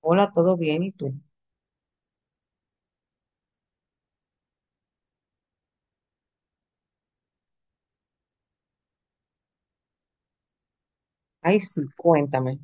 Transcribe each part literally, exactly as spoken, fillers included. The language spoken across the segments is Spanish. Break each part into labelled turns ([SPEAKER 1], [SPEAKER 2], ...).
[SPEAKER 1] Hola, ¿todo bien? ¿Y tú? Ay, sí, cuéntame.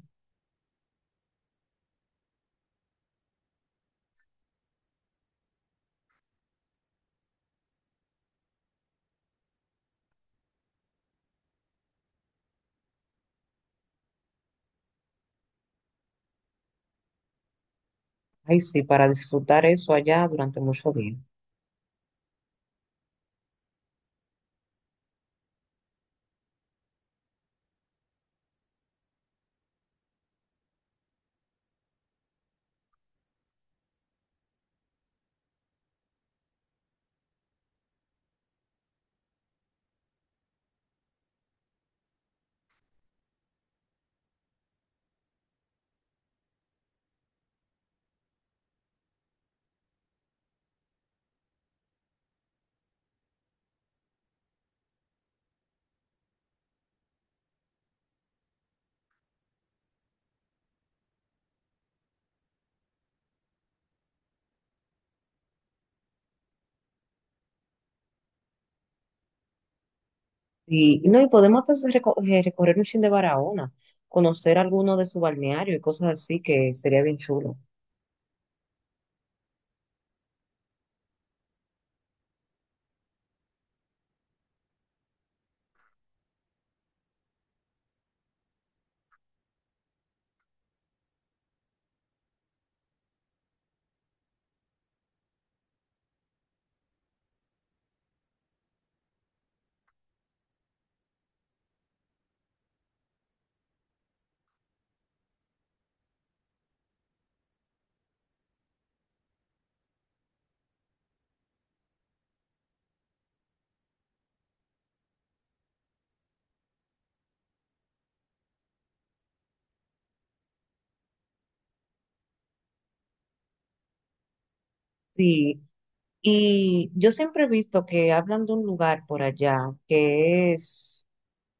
[SPEAKER 1] Ay, sí, para disfrutar eso allá durante muchos días. Y, y no, y podemos hasta hacer reco- eh, recorrer un chin de Barahona, conocer alguno de su balneario y cosas así que sería bien chulo. Sí, y yo siempre he visto que hablan de un lugar por allá que es,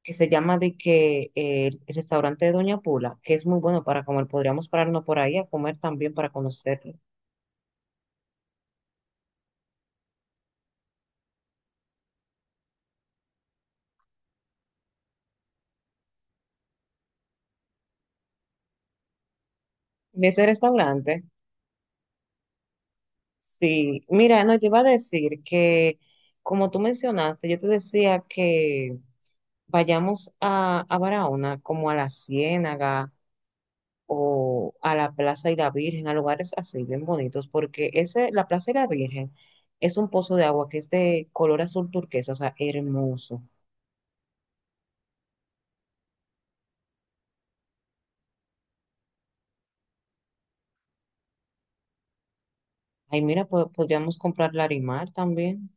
[SPEAKER 1] que se llama de que eh, el restaurante de Doña Pula, que es muy bueno para comer. Podríamos pararnos por ahí a comer también para conocerlo. De ese restaurante. Sí, mira, no, te iba a decir que, como tú mencionaste, yo te decía que vayamos a, a Barahona, como a la Ciénaga o a la Plaza y la Virgen, a lugares así bien bonitos, porque ese, la Plaza y la Virgen es un pozo de agua que es de color azul turquesa, o sea, hermoso. Ay, mira, po- podríamos comprar Larimar también.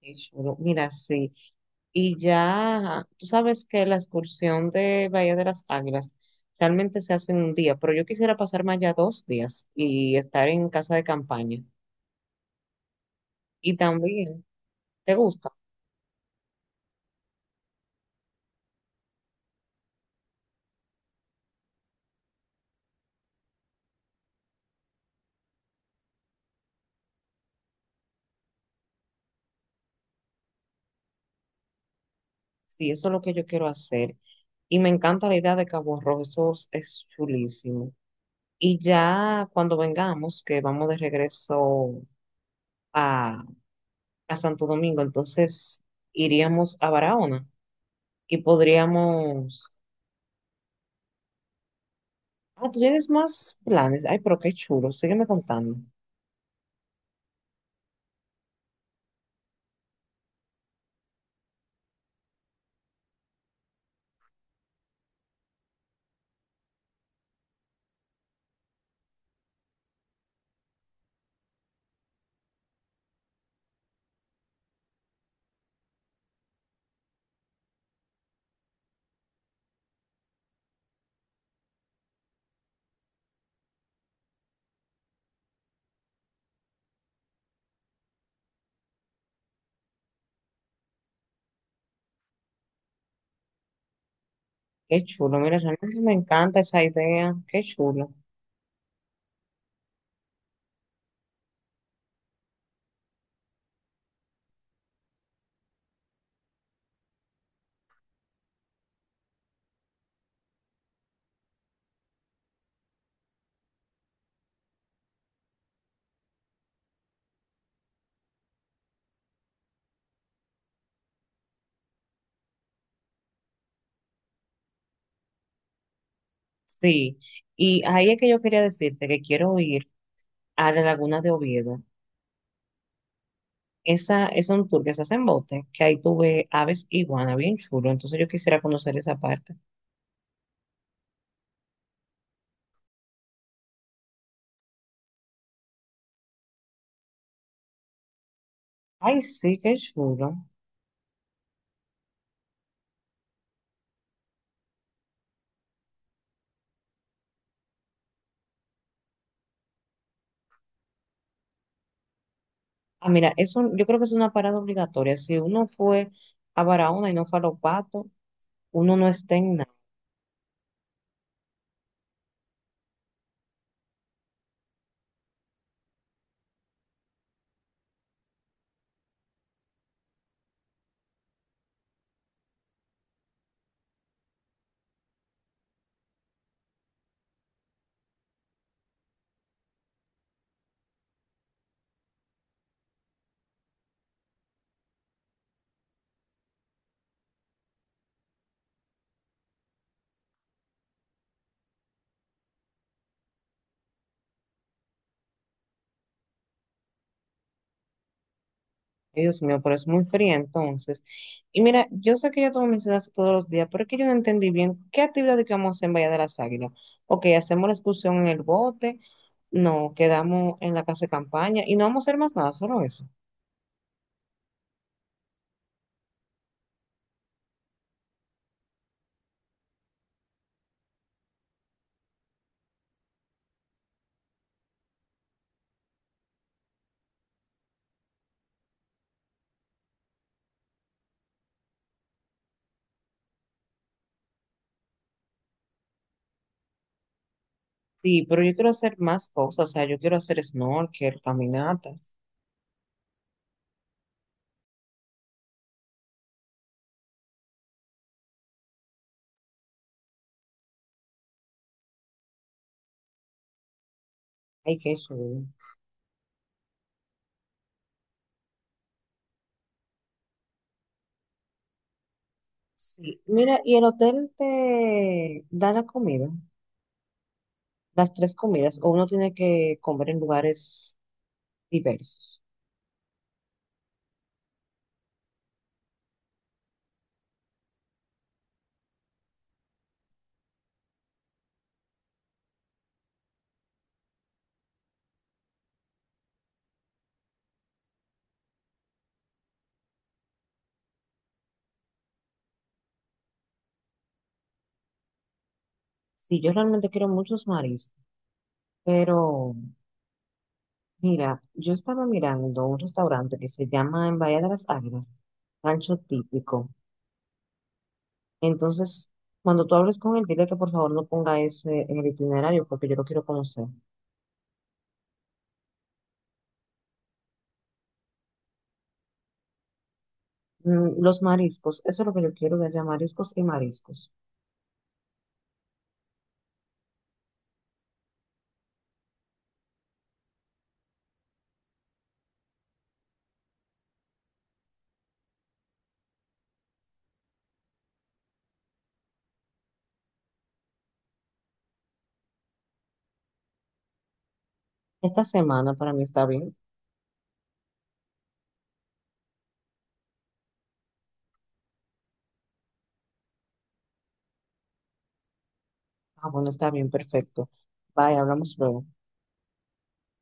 [SPEAKER 1] Qué chulo. Mira, sí. Y ya, tú sabes que la excursión de Bahía de las Águilas realmente se hace en un día, pero yo quisiera pasarme allá dos días y estar en casa de campaña. Y también, ¿te gusta? Sí, eso es lo que yo quiero hacer. Y me encanta la idea de Cabo Rojo, eso es es chulísimo. Y ya cuando vengamos, que vamos de regreso a, a Santo Domingo, entonces iríamos a Barahona y podríamos. Ah, tú tienes más planes. Ay, pero qué chulo. Sígueme contando. Qué chulo. Mira, realmente me encanta esa idea. Qué chulo. Sí. Y ahí es que yo quería decirte que quiero ir a la Laguna de Oviedo. Esa es un tour que se hace en bote, que ahí tuve aves iguana, bien chulo. Entonces yo quisiera conocer esa parte. Ay, sí, qué chulo. Ah, mira, eso, yo creo que es una parada obligatoria. Si uno fue a Barahona y no fue a Los Patos, uno no está en. Ay, Dios mío, pero es muy fría entonces. Y mira, yo sé que ya tú me mencionaste todos los días, pero es que yo no entendí bien qué actividad que vamos a hacer en Bahía de las Águilas. Ok, hacemos la excursión en el bote, no, quedamos en la casa de campaña y no vamos a hacer más nada, solo eso. Sí, pero yo quiero hacer más cosas, o sea, yo quiero hacer snorkel, caminatas. Ay, qué chulo. Sí, mira, ¿y el hotel te da la comida? Las tres comidas, o uno tiene que comer en lugares diversos. Sí, yo realmente quiero muchos mariscos. Pero mira, yo estaba mirando un restaurante que se llama en Bahía de las Águilas, Rancho Típico. Entonces, cuando tú hables con él, dile que por favor no ponga ese en el itinerario porque yo lo quiero conocer. Mm, los mariscos, eso es lo que yo quiero de allá, mariscos y mariscos. Esta semana para mí está bien. Ah, bueno, está bien, perfecto. Bye, hablamos luego.